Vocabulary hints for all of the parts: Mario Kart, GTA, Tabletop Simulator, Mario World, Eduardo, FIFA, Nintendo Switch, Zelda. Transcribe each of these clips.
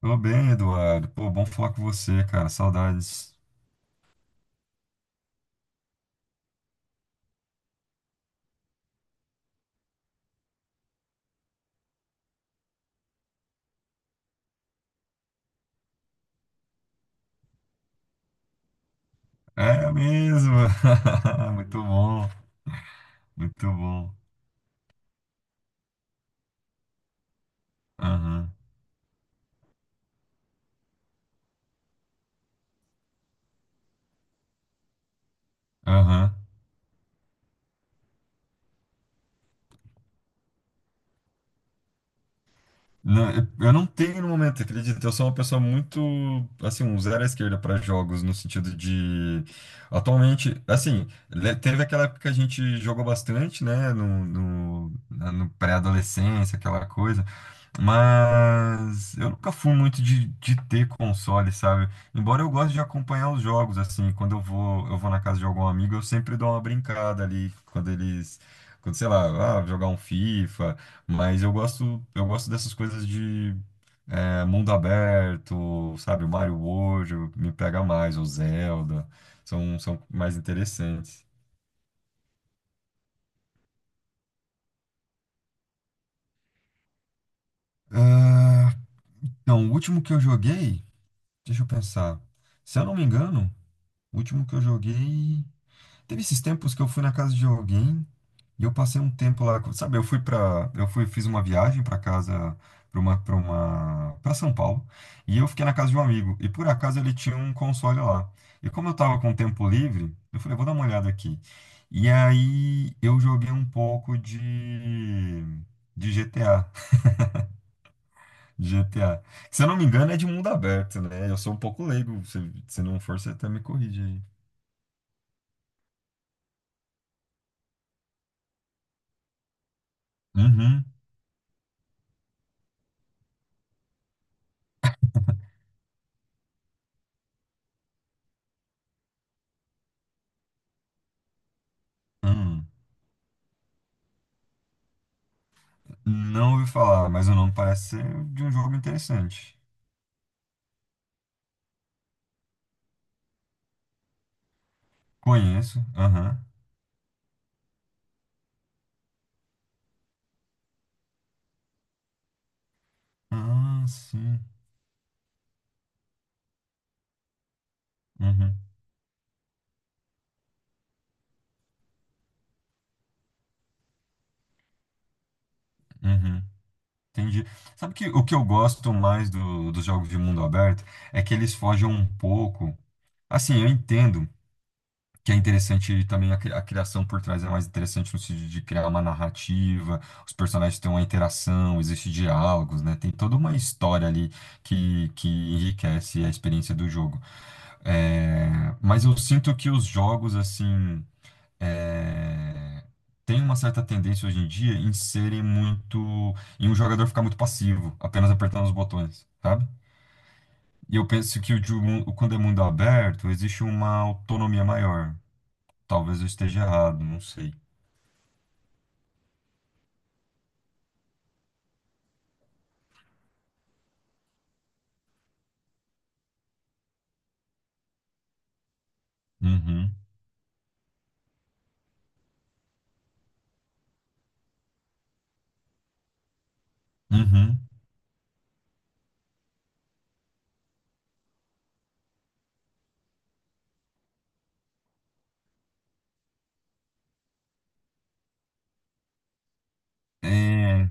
Tô bem, Eduardo. Pô, bom falar com você, cara. Saudades. É mesmo. Muito bom, muito bom. Aham, aham. Não, eu não tenho no momento, acredito. Eu sou uma pessoa muito, assim, um zero à esquerda para jogos, no sentido de. Atualmente, assim, teve aquela época que a gente jogou bastante, né, no pré-adolescência, aquela coisa. Mas eu nunca fui muito de ter console, sabe? Embora eu goste de acompanhar os jogos, assim, quando eu vou na casa de algum amigo, eu sempre dou uma brincada ali, quando, sei lá, jogar um FIFA, mas eu gosto dessas coisas de mundo aberto, sabe? O Mario World me pega mais, o Zelda, são mais interessantes. Ah, então, o último que eu joguei, deixa eu pensar, se eu não me engano. O último que eu joguei. Teve esses tempos que eu fui na casa de alguém e eu passei um tempo lá. Sabe, eu fui para, eu fui, fiz uma viagem para casa, para São Paulo e eu fiquei na casa de um amigo e por acaso ele tinha um console lá. E como eu tava com tempo livre, eu falei, vou dar uma olhada aqui. E aí eu joguei um pouco de GTA, GTA. Se eu não me engano é de mundo aberto, né? Eu sou um pouco leigo. Se não for, você até me corrige aí. Uhum. Hum. Não ouvi falar, mas o nome parece ser de um jogo interessante. Conheço, aham. Ah, sim. Uhum, uhum. Entendi. Sabe que o que eu gosto mais do, dos jogos de mundo aberto é que eles fogem um pouco. Assim, eu entendo, que é interessante também, a criação por trás é mais interessante no sentido de criar uma narrativa, os personagens têm uma interação, existem diálogos, né? Tem toda uma história ali que enriquece a experiência do jogo. É, mas eu sinto que os jogos, assim, é, têm uma certa tendência hoje em dia em serem muito, em um jogador ficar muito passivo, apenas apertando os botões, sabe? E eu penso que quando é mundo aberto, existe uma autonomia maior. Talvez eu esteja errado, não sei. Uhum, uhum. É,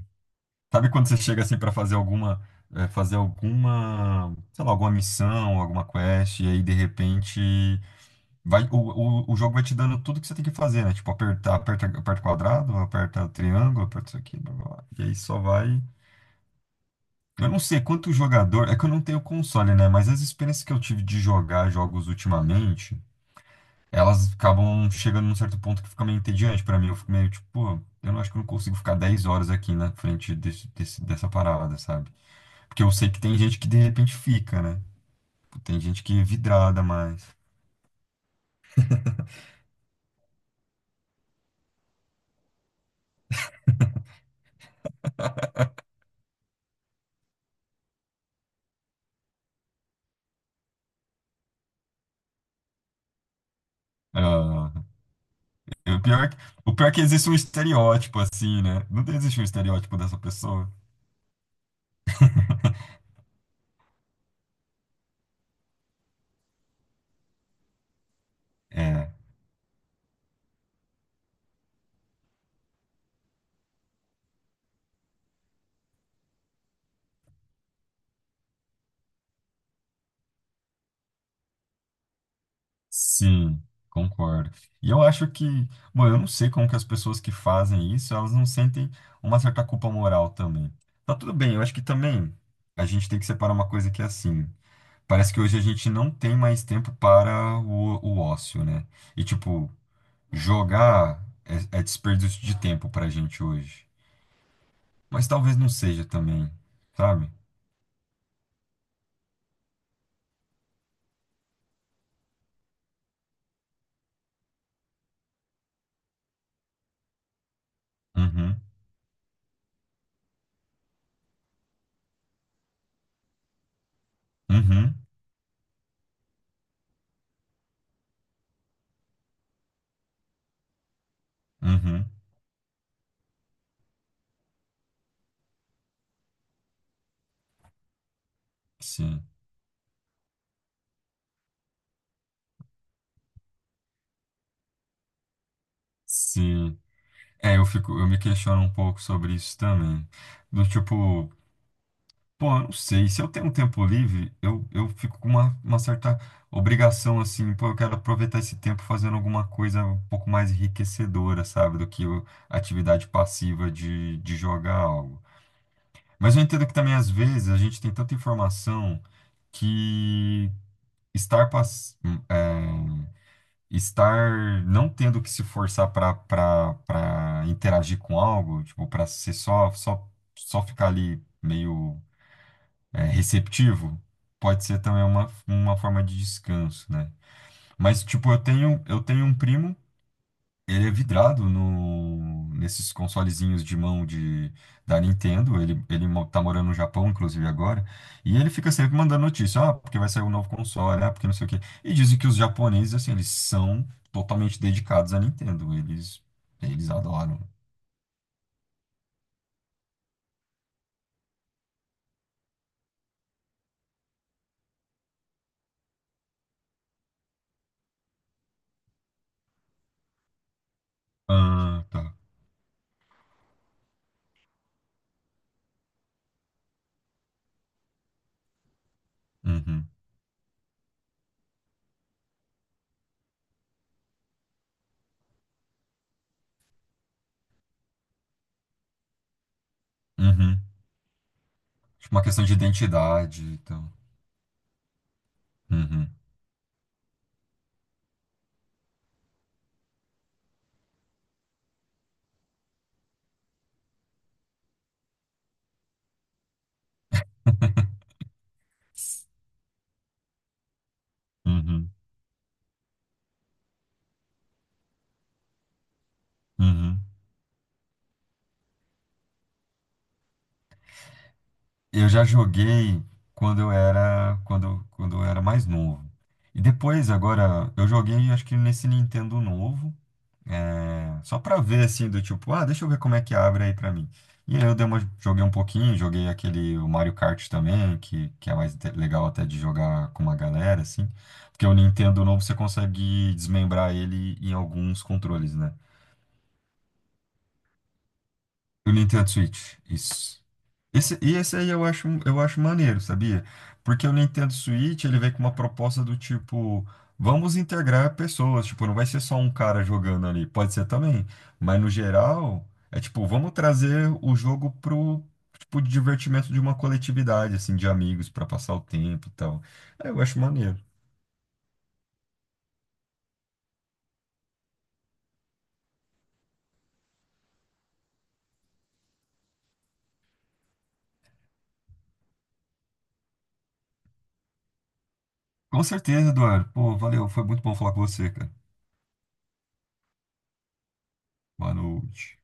sabe quando você chega assim para fazer alguma, fazer alguma, sei lá, alguma missão, alguma quest, e aí de repente vai, o, o jogo vai te dando tudo que você tem que fazer, né? Tipo, aperta, aperta quadrado, aperta triângulo, aperta isso aqui, blá, blá, blá. E aí só vai. Eu não sei quanto jogador, é que eu não tenho console, né? Mas as experiências que eu tive de jogar jogos ultimamente, elas acabam chegando num certo ponto que fica meio entediante pra mim. Eu fico meio tipo, pô, eu não acho que eu não consigo ficar 10 horas aqui na frente dessa parada, sabe? Porque eu sei que tem gente que de repente fica, né? Tipo, tem gente que é vidrada mais. Ah, o pior, o pior é que existe um estereótipo assim, né? Não existe um estereótipo dessa pessoa. É. Sim, concordo. E eu acho que, bom, eu não sei como que as pessoas que fazem isso, elas não sentem uma certa culpa moral também. Tá tudo bem, eu acho que também a gente tem que separar uma coisa que é assim. Parece que hoje a gente não tem mais tempo para o ócio, né? E tipo, jogar é desperdício de tempo pra gente hoje. Mas talvez não seja também, sabe? Uhum, uhum, uhum, sim. Sim. É, eu me questiono um pouco sobre isso também. Do tipo, pô, eu não sei, se eu tenho um tempo livre, eu fico com uma, certa obrigação, assim, pô, eu quero aproveitar esse tempo fazendo alguma coisa um pouco mais enriquecedora, sabe, do que a atividade passiva de jogar algo. Mas eu entendo que também, às vezes, a gente tem tanta informação que estar não tendo que se forçar para interagir com algo, tipo, para ser só ficar ali meio receptivo, pode ser também uma forma de descanso, né? Mas tipo, eu tenho um primo ele é vidrado no, nesses consolezinhos de mão de, da Nintendo. Ele, tá morando no Japão, inclusive, agora. E ele fica sempre mandando notícia. Ah, porque vai sair um novo console. Ah, porque não sei o quê. E dizem que os japoneses, assim, eles são totalmente dedicados à Nintendo. Eles, adoram. Ah, tá. Uhum. Uhum. Tipo, uma questão de identidade, então. Uhum. Uhum. Uhum. Eu já joguei quando eu era mais novo. E depois, agora, eu joguei acho que nesse Nintendo novo, só pra ver assim do tipo, ah, deixa eu ver como é que abre aí pra mim. E aí eu joguei um pouquinho, joguei aquele o Mario Kart também, que é mais legal até de jogar com uma galera assim, porque o Nintendo novo você consegue desmembrar ele em alguns controles, né? O Nintendo Switch, isso. E esse aí eu acho maneiro, sabia? Porque o Nintendo Switch, ele vem com uma proposta do tipo, vamos integrar pessoas, tipo, não vai ser só um cara jogando ali, pode ser também, mas no geral, é tipo, vamos trazer o jogo pro, tipo, de divertimento de uma coletividade, assim, de amigos, pra passar o tempo e tal. Aí eu acho maneiro. Com certeza, Eduardo. Pô, valeu, foi muito bom falar com você, cara. Boa noite.